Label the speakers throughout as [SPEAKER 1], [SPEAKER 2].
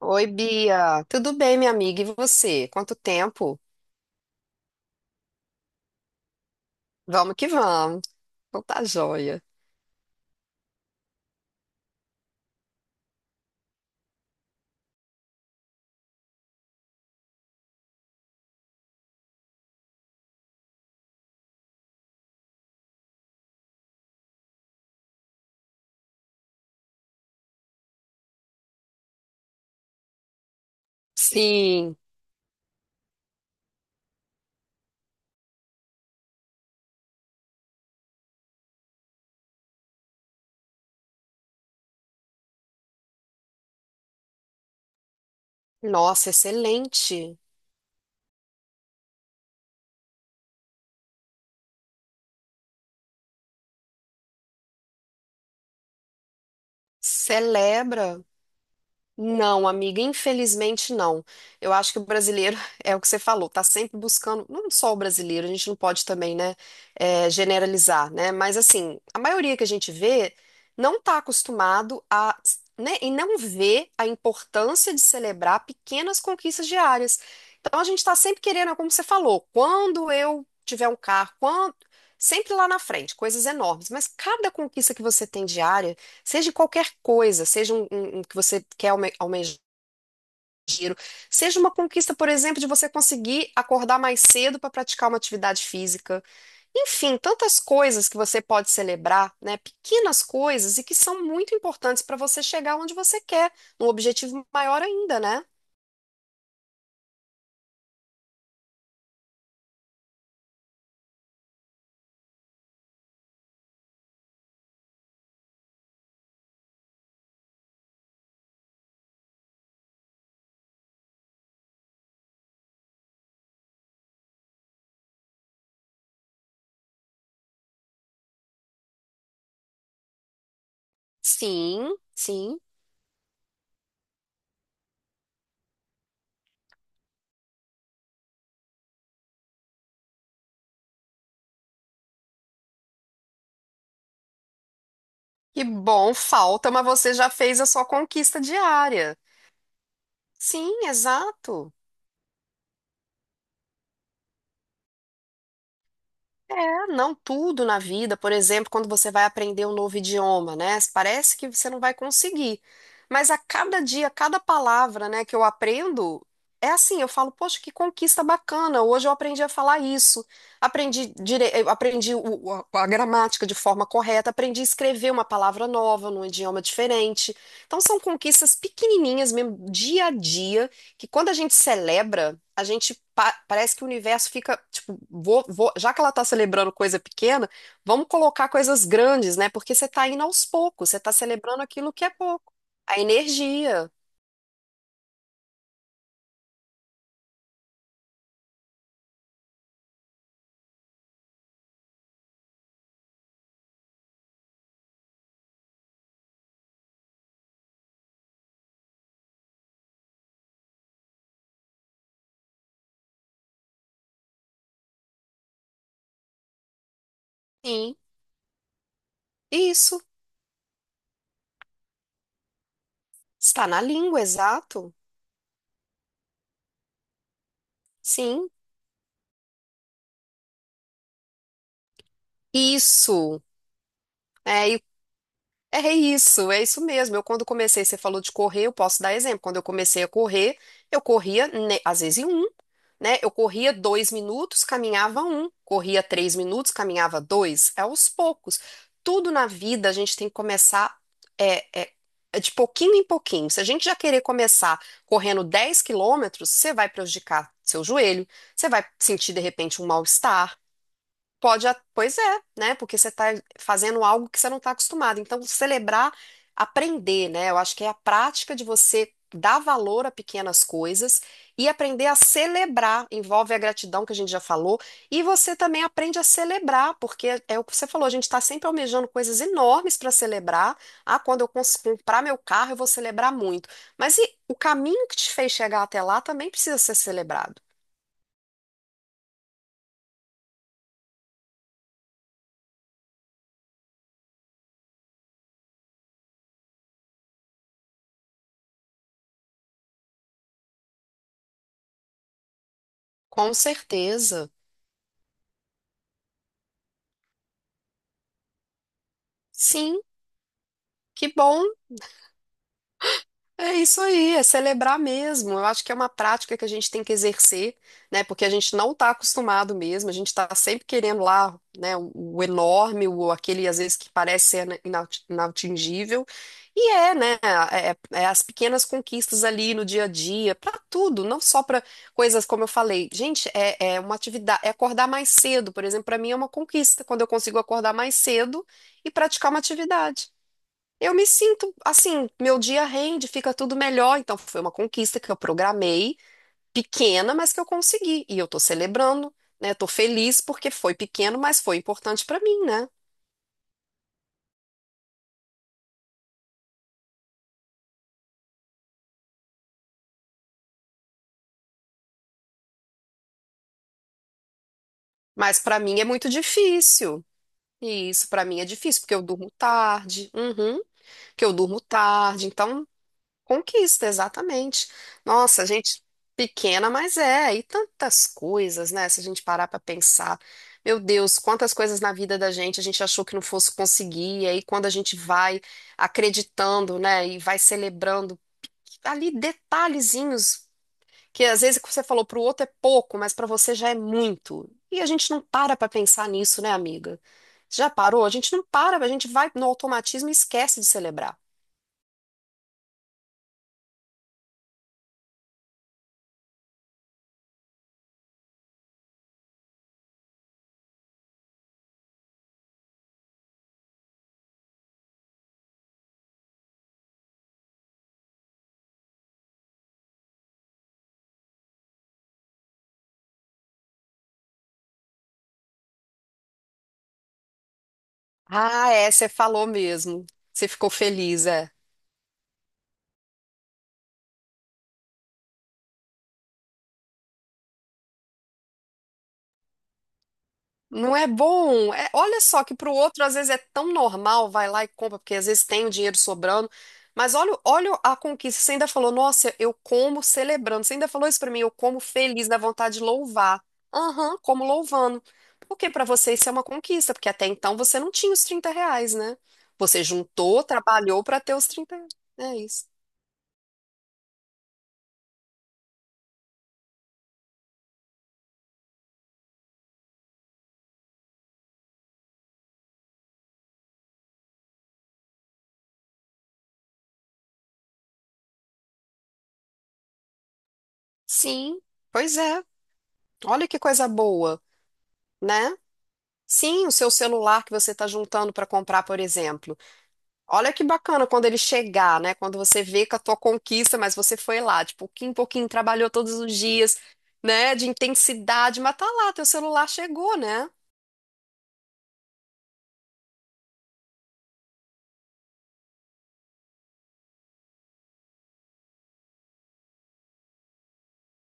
[SPEAKER 1] Oi, Bia. Tudo bem, minha amiga? E você? Quanto tempo? Vamos que vamos. Então tá joia. Sim. Nossa, excelente. Celebra. Não, amiga, infelizmente não. Eu acho que o brasileiro, é o que você falou, tá sempre buscando, não só o brasileiro, a gente não pode também, né, generalizar, né? Mas assim, a maioria que a gente vê não tá acostumado a, né, e não vê a importância de celebrar pequenas conquistas diárias. Então a gente tá sempre querendo, é como você falou, quando eu tiver um carro, quando sempre lá na frente, coisas enormes, mas cada conquista que você tem diária. Seja qualquer coisa, seja um que você quer almejar. Seja uma conquista, por exemplo, de você conseguir acordar mais cedo para praticar uma atividade física. Enfim, tantas coisas que você pode celebrar, né? Pequenas coisas e que são muito importantes para você chegar onde você quer, num objetivo maior ainda, né? Sim. Que bom, falta, mas você já fez a sua conquista diária. Sim, exato. É, não tudo na vida. Por exemplo, quando você vai aprender um novo idioma, né? Parece que você não vai conseguir. Mas a cada dia, cada palavra, né, que eu aprendo, é assim, eu falo, poxa, que conquista bacana. Hoje eu aprendi a falar isso. Aprendi dire eu aprendi a gramática de forma correta, aprendi a escrever uma palavra nova num idioma diferente. Então são conquistas pequenininhas mesmo, dia a dia, que quando a gente celebra a gente parece que o universo fica, tipo, já que ela tá celebrando coisa pequena, vamos colocar coisas grandes, né? Porque você tá indo aos poucos, você tá celebrando aquilo que é pouco. A energia. Sim, isso. Está na língua, exato. Sim, isso. é e É isso, é isso mesmo. Eu quando comecei, você falou de correr, eu posso dar exemplo. Quando eu comecei a correr, eu corria, né, às vezes em um, né? Eu corria 2 minutos, caminhava um, corria 3 minutos, caminhava dois. É aos poucos. Tudo na vida a gente tem que começar é, é, é de pouquinho em pouquinho. Se a gente já querer começar correndo 10 quilômetros, você vai prejudicar seu joelho, você vai sentir de repente um mal-estar. Pode, pois é, né? Porque você está fazendo algo que você não está acostumado. Então, celebrar, aprender, né? Eu acho que é a prática de você dar valor a pequenas coisas e aprender a celebrar. Envolve a gratidão que a gente já falou. E você também aprende a celebrar, porque é o que você falou, a gente está sempre almejando coisas enormes para celebrar. Ah, quando eu comprar meu carro, eu vou celebrar muito. Mas e o caminho que te fez chegar até lá também precisa ser celebrado. Com certeza. Sim, que bom. É isso aí, é celebrar mesmo. Eu acho que é uma prática que a gente tem que exercer, né? Porque a gente não está acostumado mesmo, a gente está sempre querendo lá, né, o enorme, o aquele às vezes que parece ser inatingível. E é, né? É as pequenas conquistas ali no dia a dia, para tudo, não só para coisas como eu falei. Gente, é uma atividade, é acordar mais cedo, por exemplo, para mim é uma conquista quando eu consigo acordar mais cedo e praticar uma atividade. Eu me sinto assim, meu dia rende, fica tudo melhor. Então, foi uma conquista que eu programei, pequena, mas que eu consegui. E eu tô celebrando, né? Tô feliz porque foi pequeno, mas foi importante pra mim, né? Mas pra mim é muito difícil. E isso pra mim é difícil, porque eu durmo tarde, uhum, que eu durmo tarde. Então, conquista, exatamente. Nossa, gente pequena, mas é, e tantas coisas, né? Se a gente parar pra pensar, meu Deus, quantas coisas na vida da gente a gente achou que não fosse conseguir, e aí quando a gente vai acreditando, né, e vai celebrando ali detalhezinhos que às vezes o que você falou pro outro é pouco, mas pra você já é muito. E a gente não para pra pensar nisso, né, amiga? Já parou? A gente não para, a gente vai no automatismo e esquece de celebrar. Ah, é, você falou mesmo. Você ficou feliz, é. Não é bom. É, olha só que pro outro às vezes é tão normal, vai lá e compra, porque às vezes tem o dinheiro sobrando. Mas olha, olha a conquista. Você ainda falou, nossa, eu como celebrando. Você ainda falou isso pra mim, eu como feliz, dá vontade de louvar. Aham, como louvando. Porque pra você isso é uma conquista, porque até então você não tinha os 30 reais, né? Você juntou, trabalhou pra ter os 30 reais. É isso. Sim, pois é. Olha que coisa boa, né? Sim, o seu celular que você está juntando para comprar, por exemplo. Olha que bacana quando ele chegar, né? Quando você vê que a tua conquista, mas você foi lá, de pouquinho em pouquinho, trabalhou todos os dias, né? De intensidade, mas tá lá, teu celular chegou, né?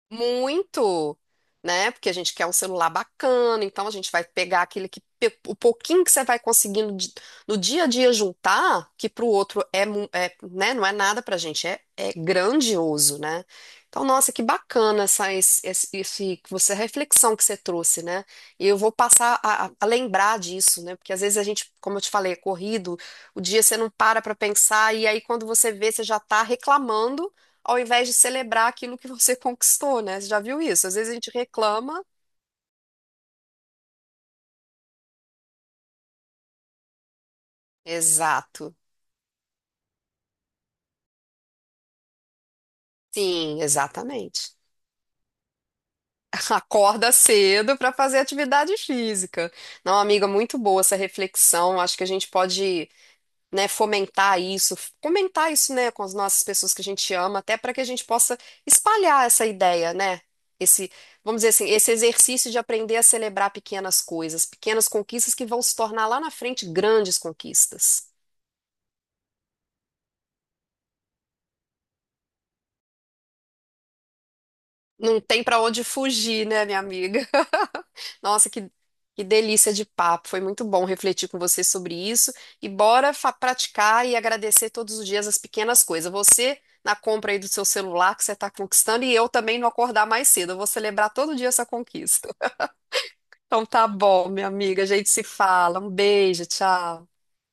[SPEAKER 1] Muito, né? Porque a gente quer um celular bacana, então a gente vai pegar aquele que o pouquinho que você vai conseguindo no dia a dia juntar, que pro outro é, é, né? Não é nada pra gente, é, é grandioso, né? Então, nossa, que bacana esse que você, a reflexão que você trouxe, né? E eu vou passar a lembrar disso, né? Porque às vezes a gente, como eu te falei, é corrido, o dia você não para pra pensar e aí quando você vê, você já tá reclamando ao invés de celebrar aquilo que você conquistou, né? Você já viu isso? Às vezes a gente reclama. Exato. Sim, exatamente. Acorda cedo para fazer atividade física. Não, amiga, muito boa essa reflexão. Acho que a gente pode, né, fomentar isso, comentar isso, né, com as nossas pessoas que a gente ama, até para que a gente possa espalhar essa ideia, né? Esse, vamos dizer assim, esse exercício de aprender a celebrar pequenas coisas, pequenas conquistas que vão se tornar lá na frente grandes conquistas. Não tem pra onde fugir, né, minha amiga? Nossa, que delícia de papo. Foi muito bom refletir com você sobre isso. E bora praticar e agradecer todos os dias as pequenas coisas. Você na compra aí do seu celular que você está conquistando e eu também não acordar mais cedo. Eu vou celebrar todo dia essa conquista. Então tá bom, minha amiga. A gente se fala. Um beijo, tchau.